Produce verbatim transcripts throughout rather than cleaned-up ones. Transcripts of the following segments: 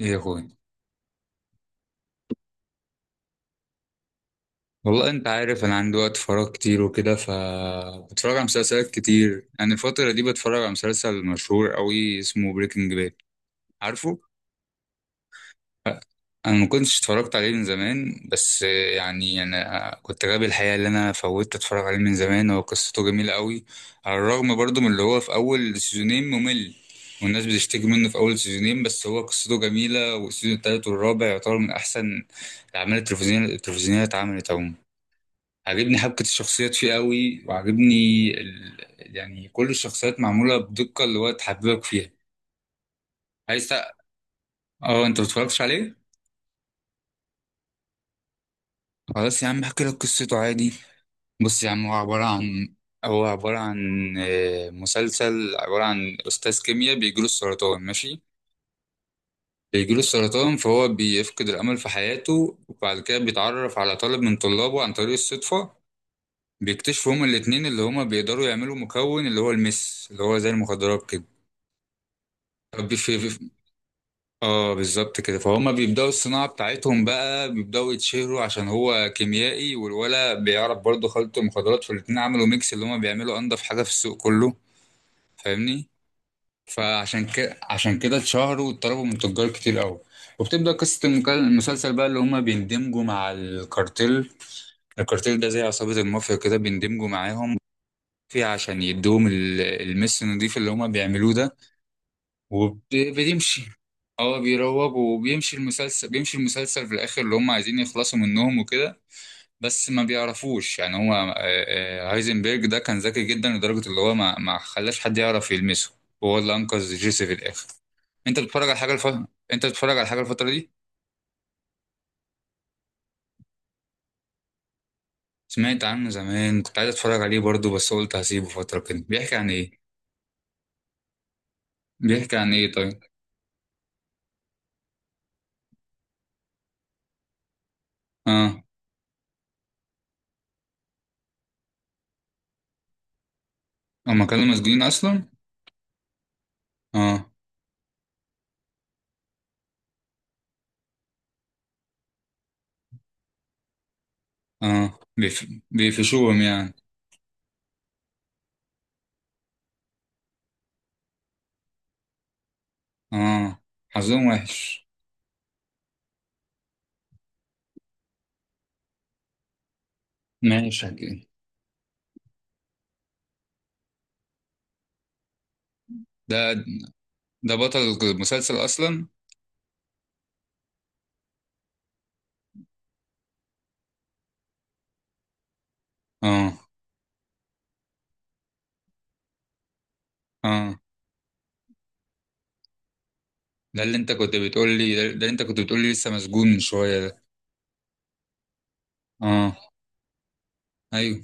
ايه يا اخويا. والله انت عارف انا عندي وقت فراغ كتير وكده ف بتفرج على مسلسلات كتير. يعني الفترة دي بتفرج على مسلسل مشهور قوي اسمه بريكنج باد، عارفه؟ أ- انا ما كنتش اتفرجت عليه من زمان، بس يعني انا كنت غبي الحقيقة اللي انا فوتت اتفرج عليه من زمان. هو قصته جميلة قوي، على الرغم برضو من اللي هو في اول سيزونين ممل والناس بتشتكي منه في اول سيزونين، بس هو قصته جميلة والسيزون التالت والرابع يعتبر من احسن الاعمال التلفزيونية التلفزيونية اتعملت عموما. عاجبني حبكة الشخصيات فيه قوي، وعاجبني ال... يعني كل الشخصيات معمولة بدقة اللي هو تحببك فيها. عايز تق- اه انت متفرجتش عليه؟ خلاص يا عم احكي لك قصته عادي. بص يا عم، هو عبارة عن هو عبارة عن آه، مسلسل عبارة عن أستاذ كيمياء بيجيله السرطان، ماشي؟ بيجيله السرطان فهو بيفقد الأمل في حياته، وبعد كده بيتعرف على طالب من طلابه عن طريق الصدفة. بيكتشفوا هما الاتنين اللي هما بيقدروا يعملوا مكون اللي هو المس، اللي هو زي المخدرات كده. بي- في اه بالظبط كده، فهم بيبداوا الصناعه بتاعتهم بقى، بيبداوا يتشهروا عشان هو كيميائي والولا بيعرف برضه خلط مخدرات، فالاتنين عملوا ميكس اللي هما بيعملوا انضف حاجه في السوق كله، فاهمني؟ فعشان كده عشان كده اتشهروا واتطلبوا من تجار كتير قوي، وبتبدا قصه المك- المسلسل بقى اللي هما بيندمجوا مع الكارتيل. الكارتيل ده زي عصابه المافيا كده، بيندمجوا معاهم فيه عشان يدوهم ال- المس النضيف اللي هما بيعملوه ده. وبتمشي، اه بيروج، وبيمشي المسلسل بيمشي المسلسل في الاخر اللي هم عايزين يخلصوا منهم وكده. بس ما بيعرفوش يعني. هو آه، آه، هايزنبرج ده كان ذكي جدا لدرجة اللي هو ما ما خلاش حد يعرف يلمسه، وهو اللي انقذ جيسي في الاخر. انت بتتفرج على حاجة الف... انت بتتفرج على حاجة الفترة دي؟ سمعت عنه زمان، كنت عايز اتفرج عليه برضه بس قلت هسيبه فترة كده. بيحكي عن ايه؟ بيحكي عن ايه طيب؟ اه. هما كانوا مسجونين اصلا؟ اه اه. بيف... بيفشوهم يعني؟ اه، حظهم وحش. ماشي هجيب. ده ده بطل المسلسل اصلا. اه اه. ده اللي انت كنت بتقول لي، ده اللي انت كنت بتقول لي لسه مسجون من شويه ده. اه، ايوه.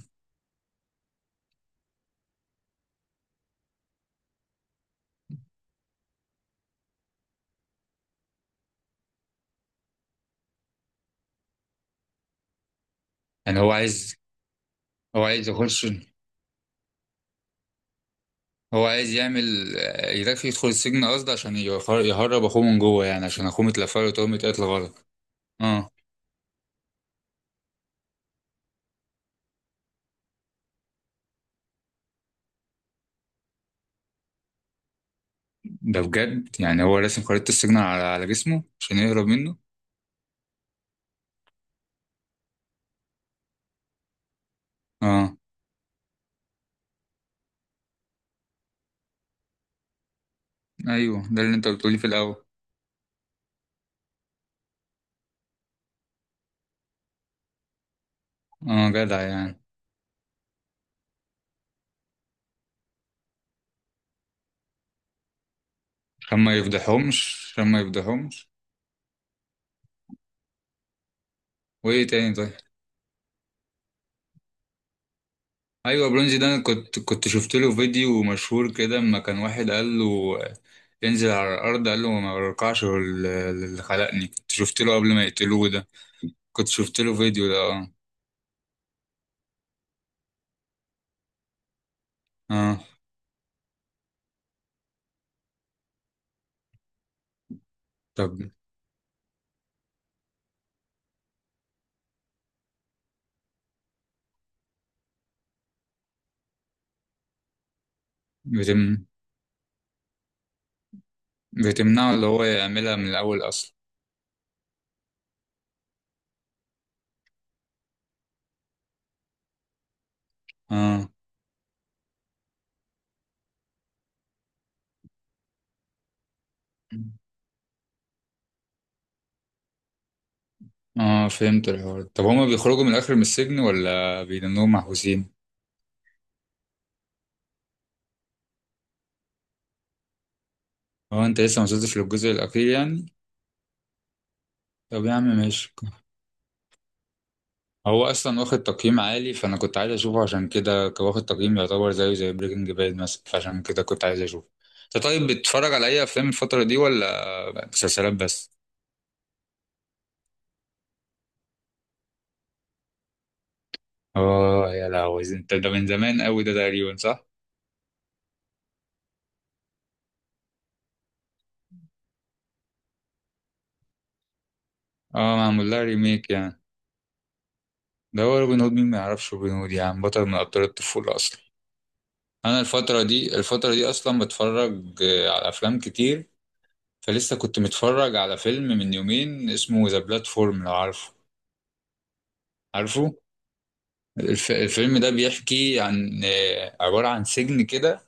يعني هو عايز، هو عايز يخش، هو عايز يعمل آه، يدخل يدخل السجن قصد عشان يهر- يهرب اخوه من جوه، يعني عشان اخوه متلفه له تهمه قتل غلط. اه، ده بجد؟ يعني هو راسم خريطه السجن على على جسمه عشان يهرب منه؟ اه، ايوه ده اللي انت بتقولي في الاول. اه جدع يعني؟ عشان ما يفضحهمش، عشان ما يفضحهمش وايه تاني طيب؟ ايوه برونزي ده، انا كنت كنت شفت له فيديو مشهور كده، اما كان واحد قال له ينزل على الارض قال له ما برقعش لل- للي خلقني. كنت شفت له قبل ما يقتلوه ده، كنت شفت له فيديو ده اه. اه، طب بتم بتمنعه اللي هو يعملها من الاول اصلا. اه اه، فهمت الحوار. طب هما بيخرجوا من الاخر من السجن ولا بيدنوهم محبوسين؟ هو انت لسه ما وصلتش للجزء الاخير يعني؟ طب يا عم ماشي. هو اصلا واخد تقييم عالي، فانا كنت عايز اشوفه. عشان كده كان واخد تقييم يعتبر زيه زي بريكنج باد مثلا، فعشان كده كنت عايز اشوفه. انت طيب بتتفرج على اي افلام الفتره دي ولا مسلسلات بس؟ اه، يا لهوي، انت ده من زمان قوي ده تقريبا، صح؟ اه معمول لها ريميك يعني. ده هو روبن هود، مين ما يعرفش روبن هود يا عم، بطل من ابطال الطفوله اصلا. انا الفتره دي، الفتره دي اصلا بتفرج آه، على افلام كتير. فلسه كنت متفرج على فيلم من يومين اسمه ذا بلاتفورم، لو عارفه، عارفه؟ الف- الفيلم ده بيحكي عن آه، عبارة عن سجن كده.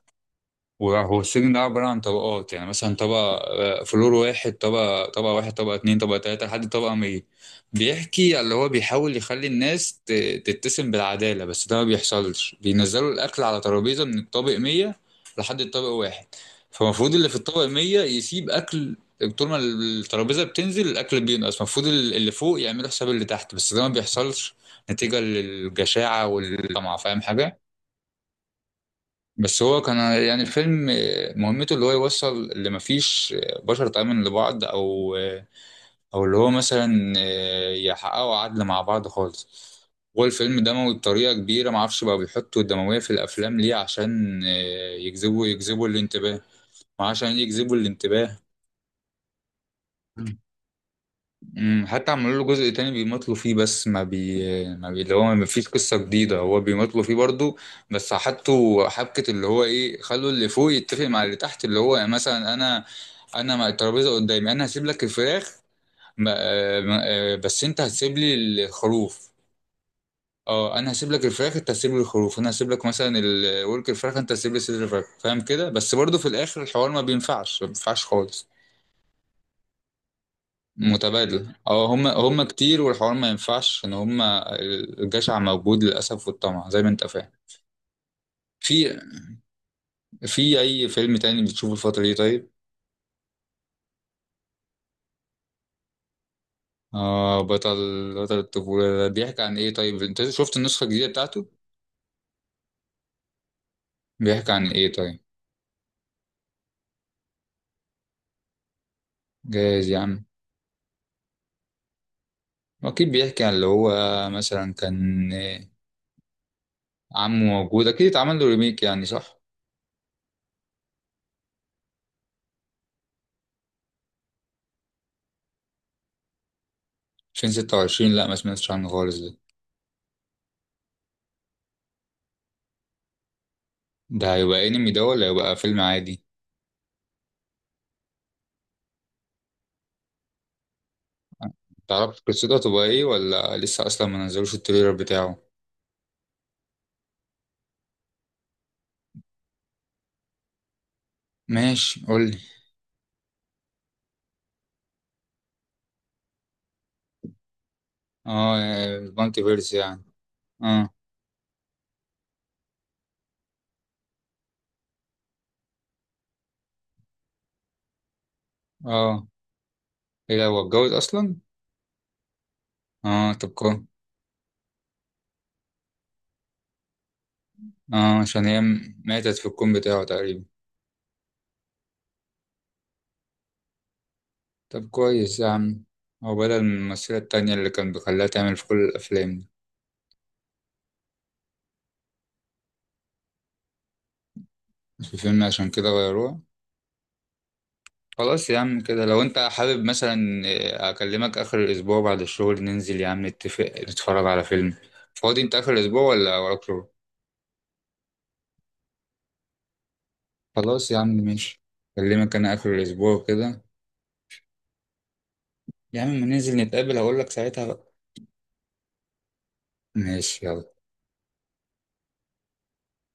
وهو السجن ده عبارة عن طبقات، يعني مثلا طبقة، آه، فلور واحد، طبقة طبقة واحد، طبقة اتنين، طبقة تلاتة، لحد طبقة مية. بيحكي على اللي هو بيحاول يخلي الناس ت- تتسم بالعدالة، بس ده ما بيحصلش. بينزلوا الأكل على ترابيزة من الطابق مية لحد الطابق واحد، فالمفروض اللي في الطابق مية يسيب أكل. طول ما الترابيزة بتنزل الأكل بينقص، المفروض اللي فوق يعملوا حساب اللي تحت، بس ده ما بيحصلش نتيجة للجشاعة والطمع، فاهم حاجة؟ بس هو كان يعني الفيلم آه، مهمته اللي هو يوصل اللي مفيش آه، بشر تؤمن لبعض، او آه، او اللي هو مثلا آه، يحققوا عدل مع بعض خالص. هو الفيلم دموي بطريقة كبيرة، معرفش بقى بيحطوا الدموية في الأفلام ليه، عشان آه، يجذبوا يجذبوا الانتباه، وعشان يجذبوا الانتباه. امم حتى عملوا له جزء تاني بيمطلوا فيه، بس ما بي ما بي اللي هو ما فيش قصة جديدة، هو بيمطلوا فيه برضو. بس حطوا حبكة اللي هو ايه، خلوا اللي فوق يتفق مع اللي تحت، اللي هو مثلا انا انا مع الترابيزة قدامي، انا هسيب لك الفراخ، ما- آه، ما- آه، بس انت هتسيب لي الخروف. اه انا هسيب لك الفراخ، انت هتسيب لي الخروف، انا هسيب لك مثلا الورك الفراخ، انت هتسيب لي صدر الفراخ، فاهم كده؟ بس برضو في الاخر الحوار ما بينفعش، ما بينفعش خالص. متبادل اه، هم هم كتير، والحوار ما ينفعش، ان هم الجشع موجود للاسف والطمع زي ما انت فاهم. في في اي فيلم تاني بتشوفه الفتره دي طيب؟ اه، بطل بطل الطفوله ده بيحكي عن ايه طيب؟ انت شفت النسخه الجديده بتاعته؟ بيحكي عن ايه طيب؟ جايز يا عم، اكيد بيحكي عن اللي هو مثلا كان عمه موجود. اكيد اتعمل له ريميك يعني، صح؟ ألفين وستة وعشرين؟ لا ما سمعتش عنه خالص ده. ده هيبقى انمي ده ولا هيبقى فيلم عادي؟ تعرف قصته تبقى ايه ولا لسه اصلا ما نزلوش التريلر بتاعه؟ ماشي قولي. اه، المالتي فيرس يعني. اه اه، ايه ده، هو اتجوز اصلا؟ اه طب كويس. اه عشان هي م- ماتت في الكون بتاعه تقريبا. طب كويس يا عم، هو بدل من الممثلة التانية اللي كان بيخليها تعمل في كل الأفلام دي؟ مش في فيلم عشان كده غيروها؟ خلاص يا عم كده، لو انت حابب مثلا آه، أكلمك آخر الأسبوع بعد الشغل، ننزل يا عم نتفق نتفرج على فيلم. فاضي انت آخر الأسبوع ولا وراك شغل؟ خلاص يا عم ماشي، أكلمك أنا آخر الأسبوع كده. يا عم ما ننزل نتقابل هقولك ساعتها بقى. ماشي يلا.